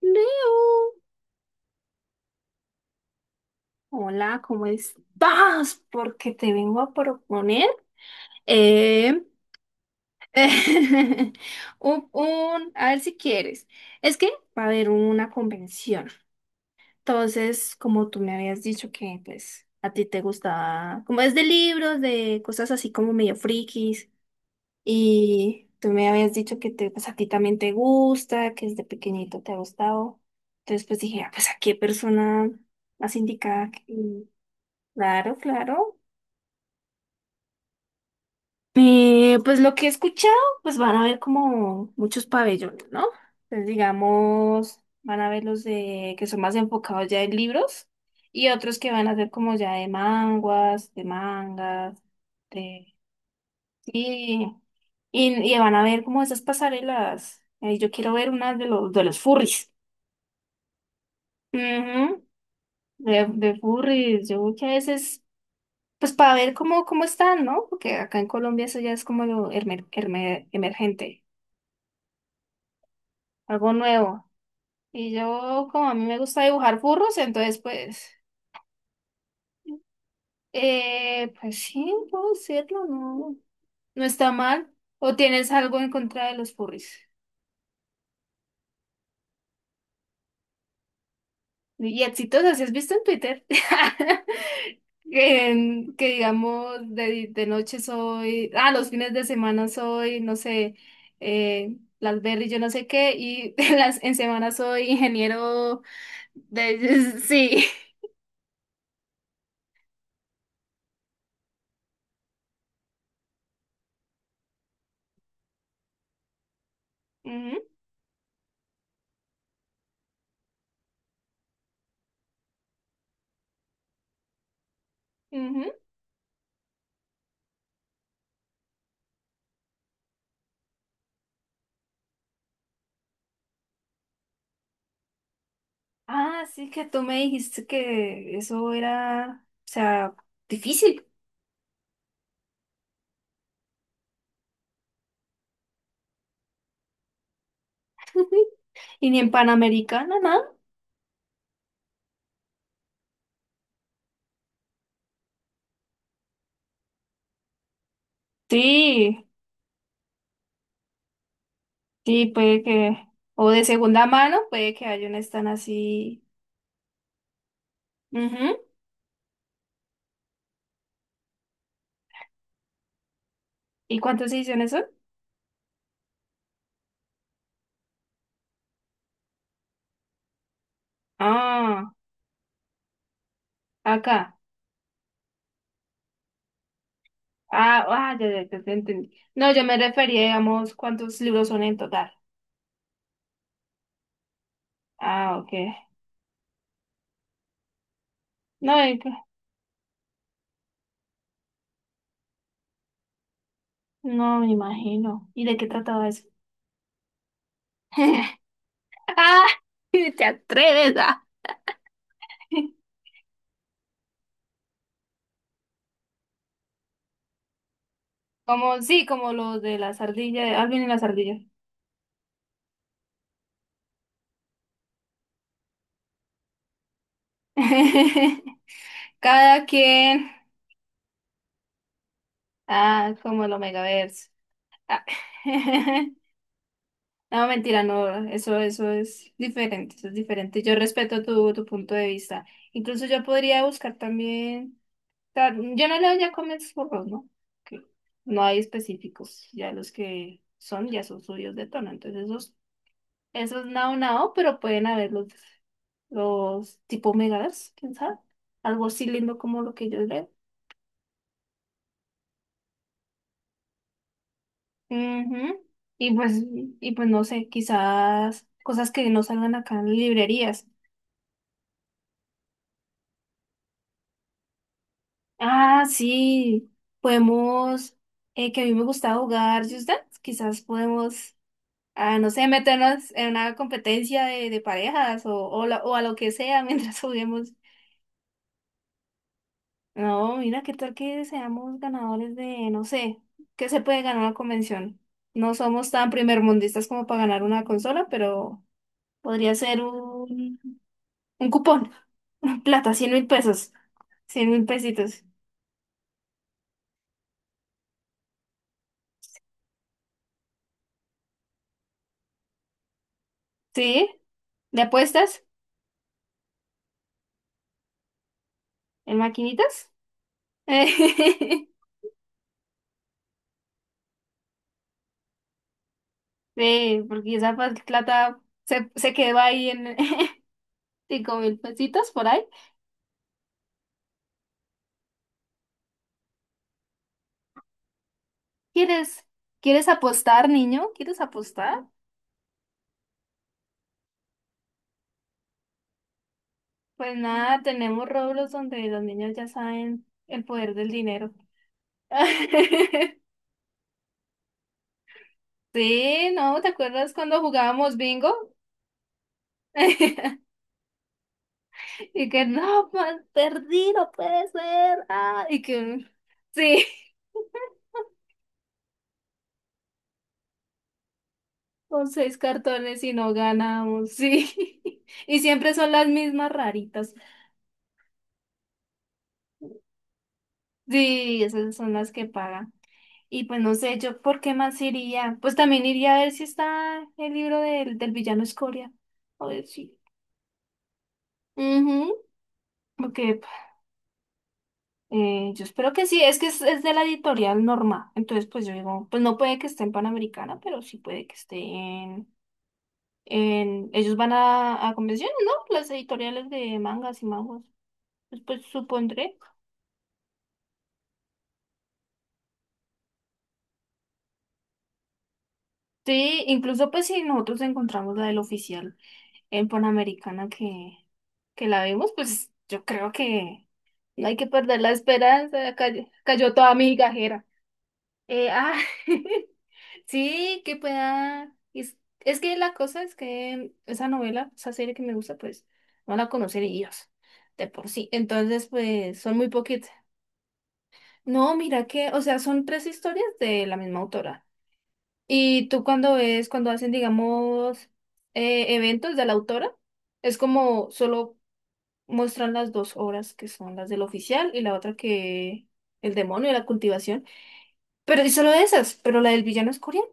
Leo, hola, ¿cómo estás? Porque te vengo a proponer eh, a ver si quieres. Es que va a haber una convención. Entonces, como tú me habías dicho que pues a ti te gustaba, como es de libros, de cosas así como medio frikis, y tú me habías dicho que te, pues a ti también te gusta, que desde pequeñito te ha gustado. Entonces, pues dije, ah, pues a qué persona más indicada. Claro, claro. Pues lo que he escuchado, pues van a haber como muchos pabellones, ¿no? Entonces, digamos, van a ver los de que son más enfocados ya en libros y otros que van a ser como ya de manguas, de mangas, de... Sí, y van a ver como esas pasarelas. Yo quiero ver una de los furries. Ujú. De furries. Yo que a veces... Pues para ver cómo, cómo están, ¿no? Porque acá en Colombia eso ya es como lo emergente, algo nuevo. Y yo, como a mí me gusta dibujar furros, entonces pues, pues sí, puedo decirlo, no, no está mal. ¿O tienes algo en contra de los furries? Y exitosas, ¿sí has visto en Twitter? Que digamos, de noche soy, ah, los fines de semana soy, no sé, las berries, yo no sé qué, y en las, en semana soy ingeniero de, sí. Ujú, ujú. Ah, sí, que tú me dijiste que eso era, o sea, difícil. Y ni en Panamericana, nada. Sí, sí, puede que, o de segunda mano, puede que haya una están así. Ujú. ¿Y cuántas ediciones son? Ah, acá. Ah, ah, ya, ya, ya te entendí. No, yo me refería, digamos, cuántos libros son en total. Ah, ok. No, no me imagino. ¿Y de qué trataba eso? Ah, te atreves ah. Como, sí, como los de las ardillas, Alvin y las ardillas. Cada quien. Ah, como el Omegaverse. Ah. No, mentira, no, eso es diferente, eso es diferente. Yo respeto tu, tu punto de vista. Incluso yo podría buscar también, yo no leo ya cómics burros, ¿no? Que no hay específicos, ya los que son, ya son suyos de tono. Entonces esos, esos nao nao, pero pueden haber los tipo megas, quién sabe, algo así lindo como lo que yo leo. Ujú. Y pues, y pues no sé, quizás cosas que no salgan acá en librerías. Ah, sí, podemos, que a mí me gusta jugar Just Dance, quizás podemos, ah, no sé, meternos en una competencia de parejas o, o a lo que sea mientras juguemos. No, mira, qué tal que seamos ganadores de, no sé, qué se puede ganar una convención. No somos tan primermundistas como para ganar una consola, pero podría ser un cupón, plata, 100.000 pesos, 100.000 pesitos. ¿Sí? ¿De apuestas? ¿En maquinitas? Sí, porque esa plata se, se quedó ahí en 5.000 pesitos por ahí. ¿Quieres, quieres apostar, niño? ¿Quieres apostar? Pues nada, tenemos Roblox donde los niños ya saben el poder del dinero. Sí, ¿no? ¿Te acuerdas cuando jugábamos bingo? Y que no, pues, perdí, no puede ser. Ah, y que sí. Con seis cartones y no ganamos, sí. Y siempre son las mismas raritas. Sí, esas son las que pagan. Y pues no sé, yo por qué más iría. Pues también iría a ver si está el libro del, del villano Escoria. A ver si. Ujú. Porque yo espero que sí. Es que es de la editorial Norma. Entonces, pues yo digo, pues no puede que esté en Panamericana, pero sí puede que esté en. En... Ellos van a convenciones, ¿no? Las editoriales de mangas y manguas. Pues, pues supondré. Sí, incluso pues si nosotros encontramos la del oficial en Panamericana que la vimos, pues yo creo que no hay que perder la esperanza, cayó, cayó toda mi gajera. Eh, ah, sí, que pueda... es que la cosa es que esa novela, esa serie que me gusta, pues no la conocen ellos de por sí. Entonces, pues son muy poquitas. No, mira que, o sea, son tres historias de la misma autora. Y tú cuando ves, cuando hacen, digamos, eventos de la autora, es como solo muestran las dos obras que son las del oficial y la otra que el demonio y la cultivación. Pero es solo esas, pero la del villano es coreana.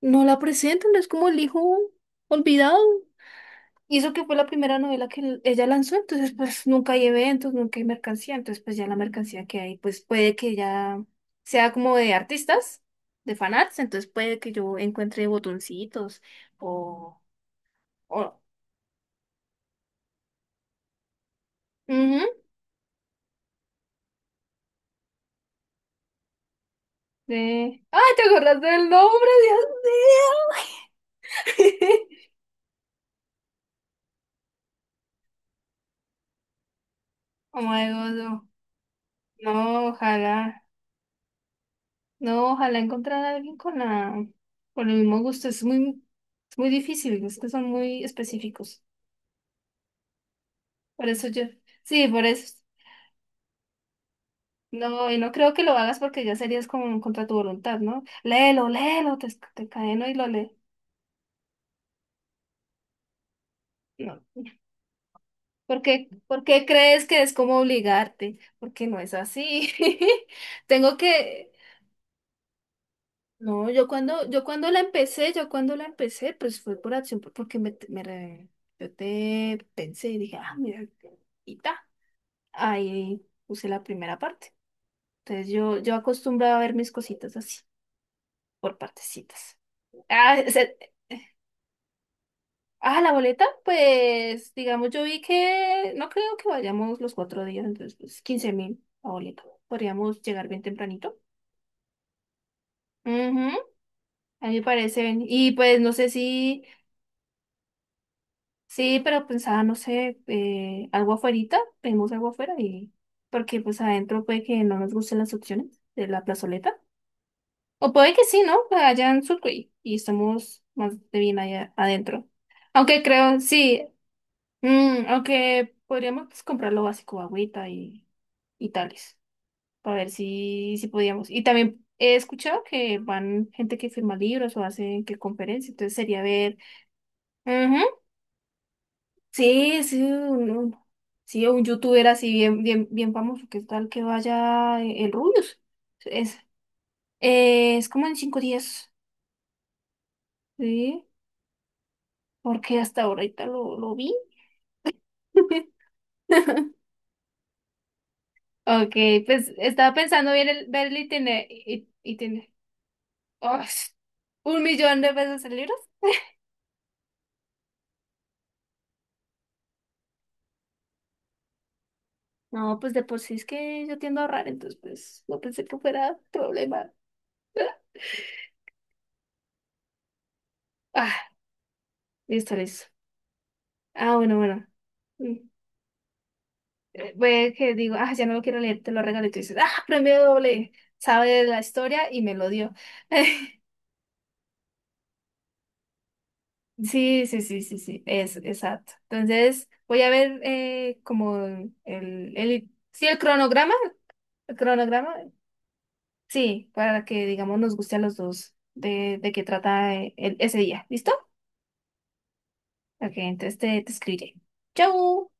No la presentan, es como el hijo olvidado. Y eso que fue la primera novela que ella lanzó, entonces pues nunca hay eventos, nunca hay mercancía, entonces pues ya la mercancía que hay, pues puede que ya sea como de artistas, de fanarts, entonces puede que yo encuentre botoncitos o... o ujú, de... ¡Ay, te acordaste del nombre, Dios mío! Oh my God, no. No, ojalá, no, ojalá encontrar a alguien con la, con el mismo gusto, es muy difícil, es que son muy específicos. Por eso yo, sí, por eso. No, y no creo que lo hagas porque ya serías como contra tu voluntad, ¿no? Léelo, léelo, te cadeno y lo lee. No. Por qué crees que es como obligarte? Porque no es así. Tengo que, no, yo cuando la empecé, pues fue por acción, porque me yo te pensé y dije, ah, mira, y ta. Ahí puse la primera parte. Entonces yo acostumbraba a ver mis cositas así. Por partecitas. Ah, se- ah, la boleta, pues digamos, yo vi que no creo que vayamos los cuatro días, entonces pues 15 mil la boleta. Podríamos llegar bien tempranito. Ujú, a mí me parece bien. Y pues no sé si, sí, pero pensaba, no sé, algo afuerita, pedimos algo afuera y porque pues adentro puede que no nos gusten las opciones de la plazoleta. O puede que sí, ¿no? Allá en Sucre y estamos más de bien allá adentro. Aunque creo, sí. Mm, aunque podríamos pues, comprar lo básico, agüita y tales, para ver si, si podíamos. Y también he escuchado que van gente que firma libros o hace que conferencia, entonces sería ver. Ujú. Sí, sí, sí, un youtuber así bien, bien, bien famoso, que tal que vaya el Rubius. Es, es como en 5 días, sí, porque hasta ahorita lo vi. Ok, pues estaba pensando ver el itine- ¡Ush! 1.000.000 de pesos en libros. No, pues de por sí es que yo tiendo a ahorrar, entonces pues no pensé que fuera problema. Ah, listo, listo. Ah, bueno, bueno. Mm. Fue que digo, ah, ya no lo quiero leer, te lo regalé. Y tú dices, ah, premio doble, sabe la historia y me lo dio. Sí, sí, sí, sí, sí, es exacto. Entonces voy a ver como el, sí, el cronograma, el cronograma. Sí, para que, digamos, nos guste a los dos de qué trata ese día. ¿Listo? Ok, entonces te escribiré. ¡Chau!